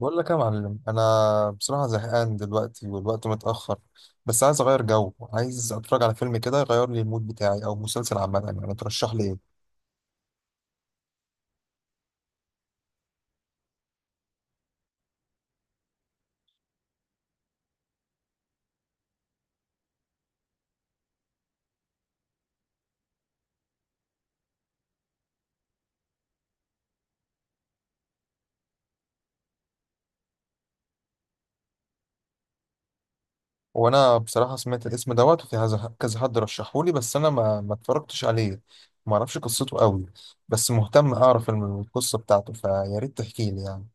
بقول لك يا معلم، انا بصراحه زهقان دلوقتي والوقت متاخر. بس عايز اغير جو، عايز اتفرج على فيلم كده يغير لي المود بتاعي، او مسلسل عامه. يعني ترشح لي ايه؟ وانا بصراحه سمعت الاسم دوت، وفي كذا حد رشحه لي، بس انا ما اتفرجتش عليه. ما اعرفش قصته قوي، بس مهتم اعرف القصه بتاعته، فيا ريت تحكي لي يعني.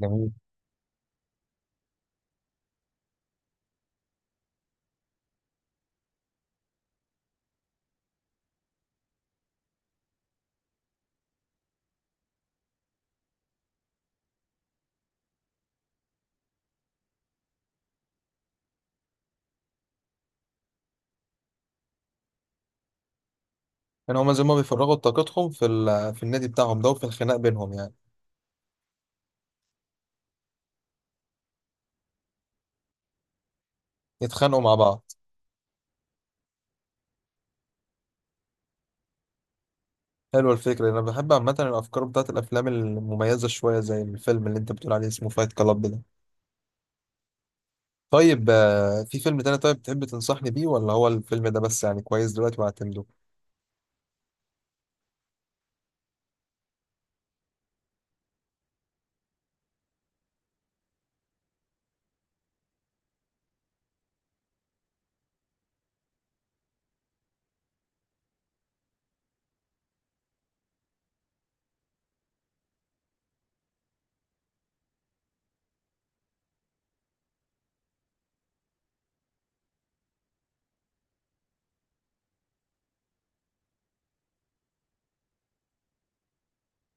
جميل. يعني هما زي ما بيفرغوا طاقتهم في في النادي بتاعهم ده وفي الخناق بينهم يعني. يتخانقوا مع بعض. حلوة الفكرة. أنا بحب عامة الأفكار بتاعت الأفلام المميزة شوية، زي الفيلم اللي أنت بتقول عليه اسمه فايت كلاب ده. طيب، في فيلم تاني طيب تحب تنصحني بيه؟ ولا هو الفيلم ده بس يعني كويس دلوقتي وهعتمده؟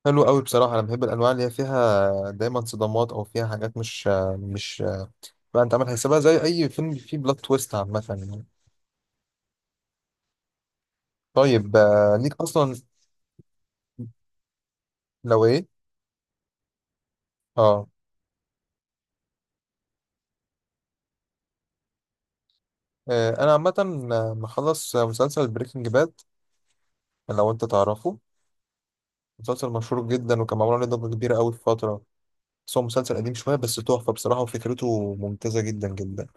حلو قوي بصراحة. أنا بحب الأنواع اللي هي فيها دايما صدمات، أو فيها حاجات مش بقى أنت عامل حسابها زي أي فيلم فيه بلوت تويست عامة يعني. طيب، ليك أصلا. لو إيه؟ أه. أنا عامة مخلص مسلسل بريكنج باد. لو أنت تعرفه. مسلسل مشهور جدا وكان معمول عليه ضجة كبيرة أوي في فترة. بس هو مسلسل قديم شوية، بس تحفة بصراحة وفكرته ممتازة جدا جدا.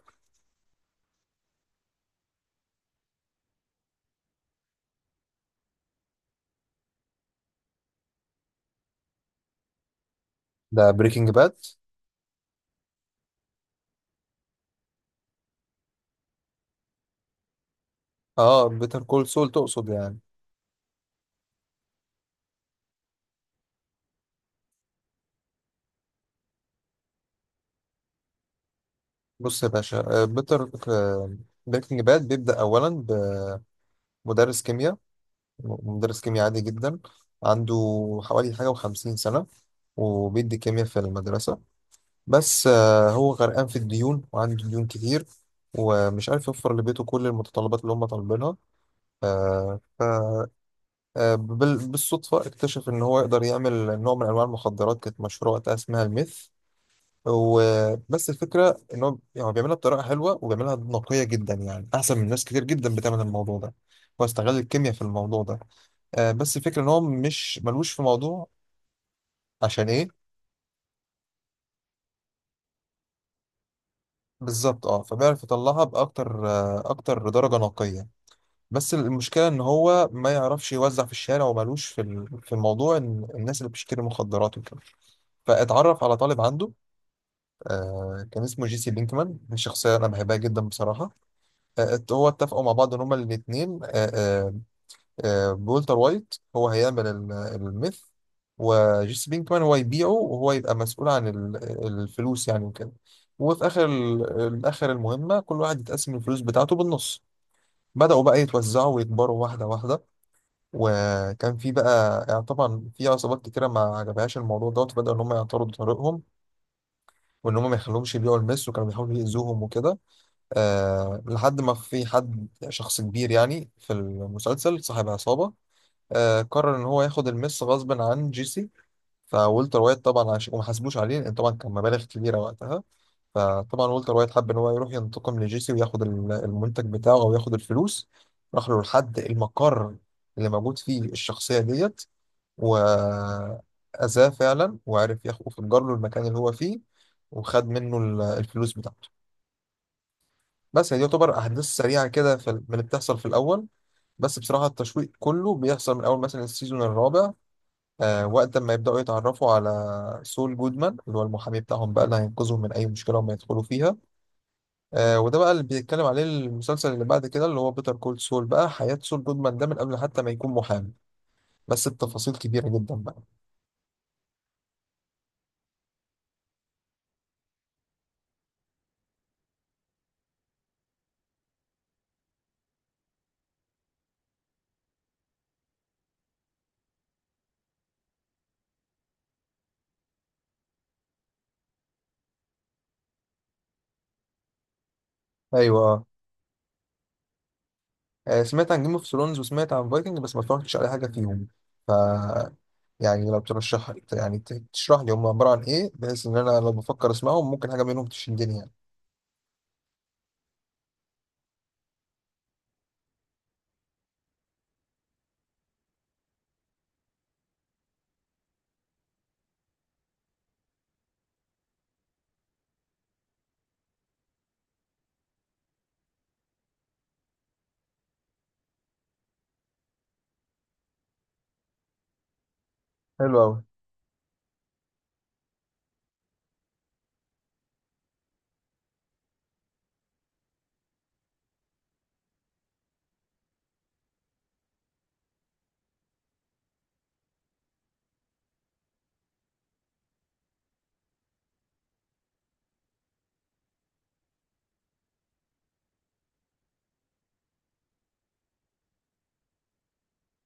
ده بريكنج باد. اه، بيتر كول سول تقصد يعني؟ بص يا باشا، بيتر. بريكنج باد بيبدأ أولا. بمدرس كيمياء. مدرس كيمياء عادي جدا. عنده حوالي حاجة وخمسين سنة. وبيدي كيمياء في المدرسة. بس هو غرقان في الديون وعنده ديون كتير. ومش عارف يوفر لبيته كل المتطلبات اللي هم طالبينها. آه، بالصدفة اكتشف إن هو يقدر يعمل نوع من أنواع المخدرات كانت مشهورة وقتها اسمها الميث. وبس الفكرة إن هو يعني هو بيعملها بطريقة حلوة، وبيعملها نقية جدا، يعني أحسن من ناس كتير جدا بتعمل الموضوع ده. هو استغل الكيمياء في الموضوع ده. بس الفكرة إن هو مش ملوش في موضوع. عشان إيه؟ بالظبط أه، فبيعرف يطلعها بأكتر آه، أكتر درجة نقية. بس المشكلة إن هو ما يعرفش يوزع في الشارع، وملوش في في الموضوع إن الناس اللي بتشتري مخدرات وكده. فاتعرف على طالب عنده. كان اسمه جيسي بينكمان، دي شخصية أنا بحبها جدا بصراحة. هو اتفقوا مع بعض إن هما الاتنين بولتر وايت هو هيعمل الميث. وجيسي بينكمان هو يبيعه، وهو يبقى مسؤول عن الفلوس يعني وكده. وفي آخر آخر المهمة كل واحد يتقسم الفلوس بتاعته بالنص. بدأوا بقى يتوزعوا ويكبروا واحدة واحدة. وكان في بقى يعني طبعا في عصابات كتيرة ما عجبهاش الموضوع دوت، بدأوا إن هم يعترضوا طريقهم. وإن هم ما يخلوهمش يبيعوا المس، وكانوا بيحاولوا يأذوهم وكده. لحد ما في حد شخص كبير يعني في المسلسل، صاحب عصابة. قرر إن هو ياخد المس غصب عن جيسي. فولتر وايت طبعا وما حاسبوش عليه لأن طبعا كان مبالغ كبيرة وقتها. فطبعا ولتر وايت حب إن هو يروح ينتقم لجيسي وياخد المنتج بتاعه، أو ياخد الفلوس. راح له لحد المقر اللي موجود فيه الشخصية ديت. وأذاه فعلا وعرف ياخد، وفجر له المكان اللي هو فيه. وخد منه الفلوس بتاعته. بس هي دي يعتبر احداث سريعه كده في من اللي بتحصل في الاول. بس بصراحه التشويق كله بيحصل من اول مثلا السيزون الرابع. وقت ما يبداوا يتعرفوا على سول جودمان، اللي هو المحامي بتاعهم بقى، اللي هينقذهم من اي مشكله هم يدخلوا فيها. وده بقى اللي بيتكلم عليه المسلسل اللي بعد كده، اللي هو بيتر كول سول، بقى حياه سول جودمان ده من قبل حتى ما يكون محامي. بس بتفاصيل كبيره جدا بقى. ايوه، سمعت عن جيم اوف ثرونز وسمعت عن فايكنج، بس ما اتفرجتش على حاجه فيهم. ف يعني لو ترشح يعني تشرح لي هم عباره عن ايه، بحيث ان انا لو بفكر اسمعهم ممكن حاجه منهم تشدني يعني. حلو قوي.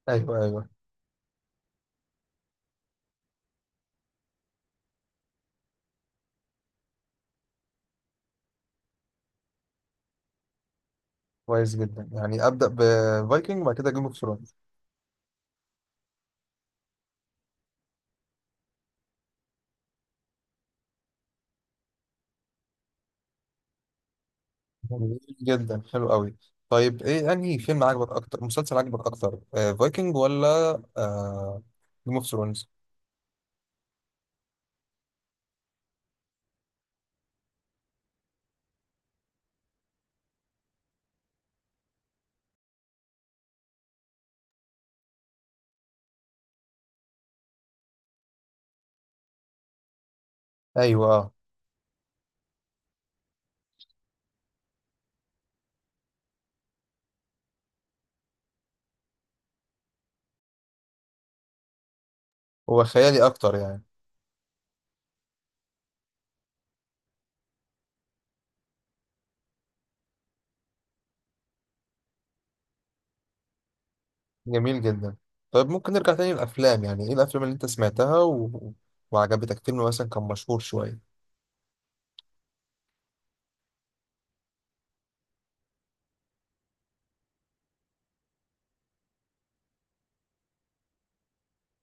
ايوه، ايوه. كويس جدا. يعني ابدا بفايكنج وبعد كده جيم اوف ثرونز. جميل جدا، حلو قوي. طيب، ايه انهي فيلم عجبك اكتر، مسلسل عجبك اكتر؟ فايكنج ولا آه جيم اوف ثرونز؟ ايوه، هو خيالي اكتر يعني. جميل جدا. طيب، ممكن نرجع تاني للأفلام؟ يعني إيه الأفلام اللي أنت سمعتها وعجبتك؟ فيلم مثلا كان مشهور شوية.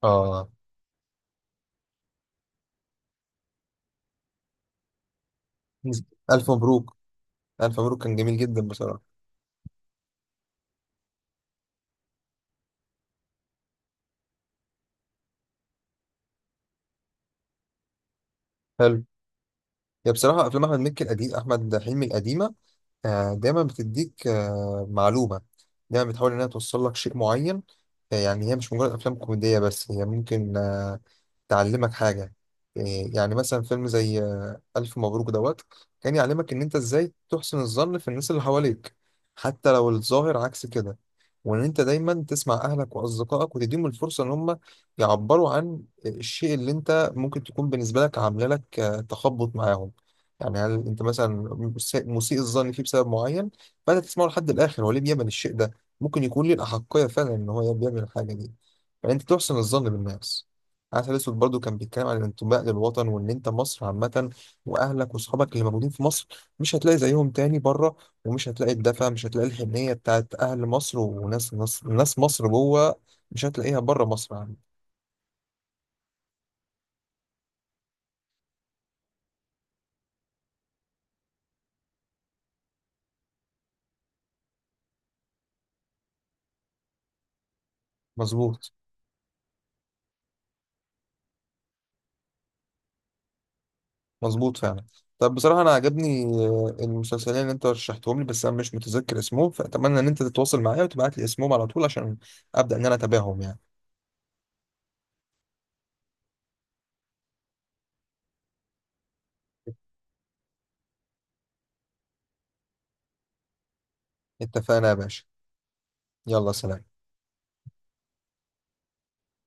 آه ألف مبروك. ألف مبروك كان جميل جدا بصراحة. حلو. هي بصراحة أفلام أحمد مكي القديم، أحمد حلمي القديمة. دايما بتديك معلومة. دايما بتحاول إنها توصل لك شيء معين. يعني هي مش مجرد أفلام كوميدية، بس هي ممكن تعلمك حاجة. إيه، يعني مثلا فيلم زي ألف مبروك دوت، كان يعلمك إن أنت إزاي تحسن الظن في الناس اللي حواليك، حتى لو الظاهر عكس كده. وإن أنت دايما تسمع أهلك وأصدقائك وتديهم الفرصة إن هم يعبروا عن الشيء اللي أنت ممكن تكون بالنسبة لك عاملة لك تخبط معاهم. يعني هل أنت مثلا مسيء الظن فيه بسبب معين؟ فأنت تسمعه لحد الآخر هو ليه بيعمل الشيء ده. ممكن يكون ليه الأحقية فعلا إن هو بيعمل الحاجة دي. فأنت تحسن الظن بالناس. عسل اسود برضو كان بيتكلم عن الانتماء للوطن، وان انت مصر عامه، واهلك واصحابك اللي موجودين في مصر، مش هتلاقي زيهم تاني بره. ومش هتلاقي الدفى، مش هتلاقي الحنيه بتاعت اهل مصر، وناس ناس مصر جوه. مش هتلاقيها بره مصر يعني. مظبوط. مظبوط فعلا. طب بصراحه انا عجبني المسلسلين اللي انت رشحتهم لي، بس انا مش متذكر اسمهم، فاتمنى ان انت تتواصل معايا وتبعت لي اسمهم على طول عشان ابدا ان انا اتابعهم يعني. اتفقنا يا باشا. يلا سلام.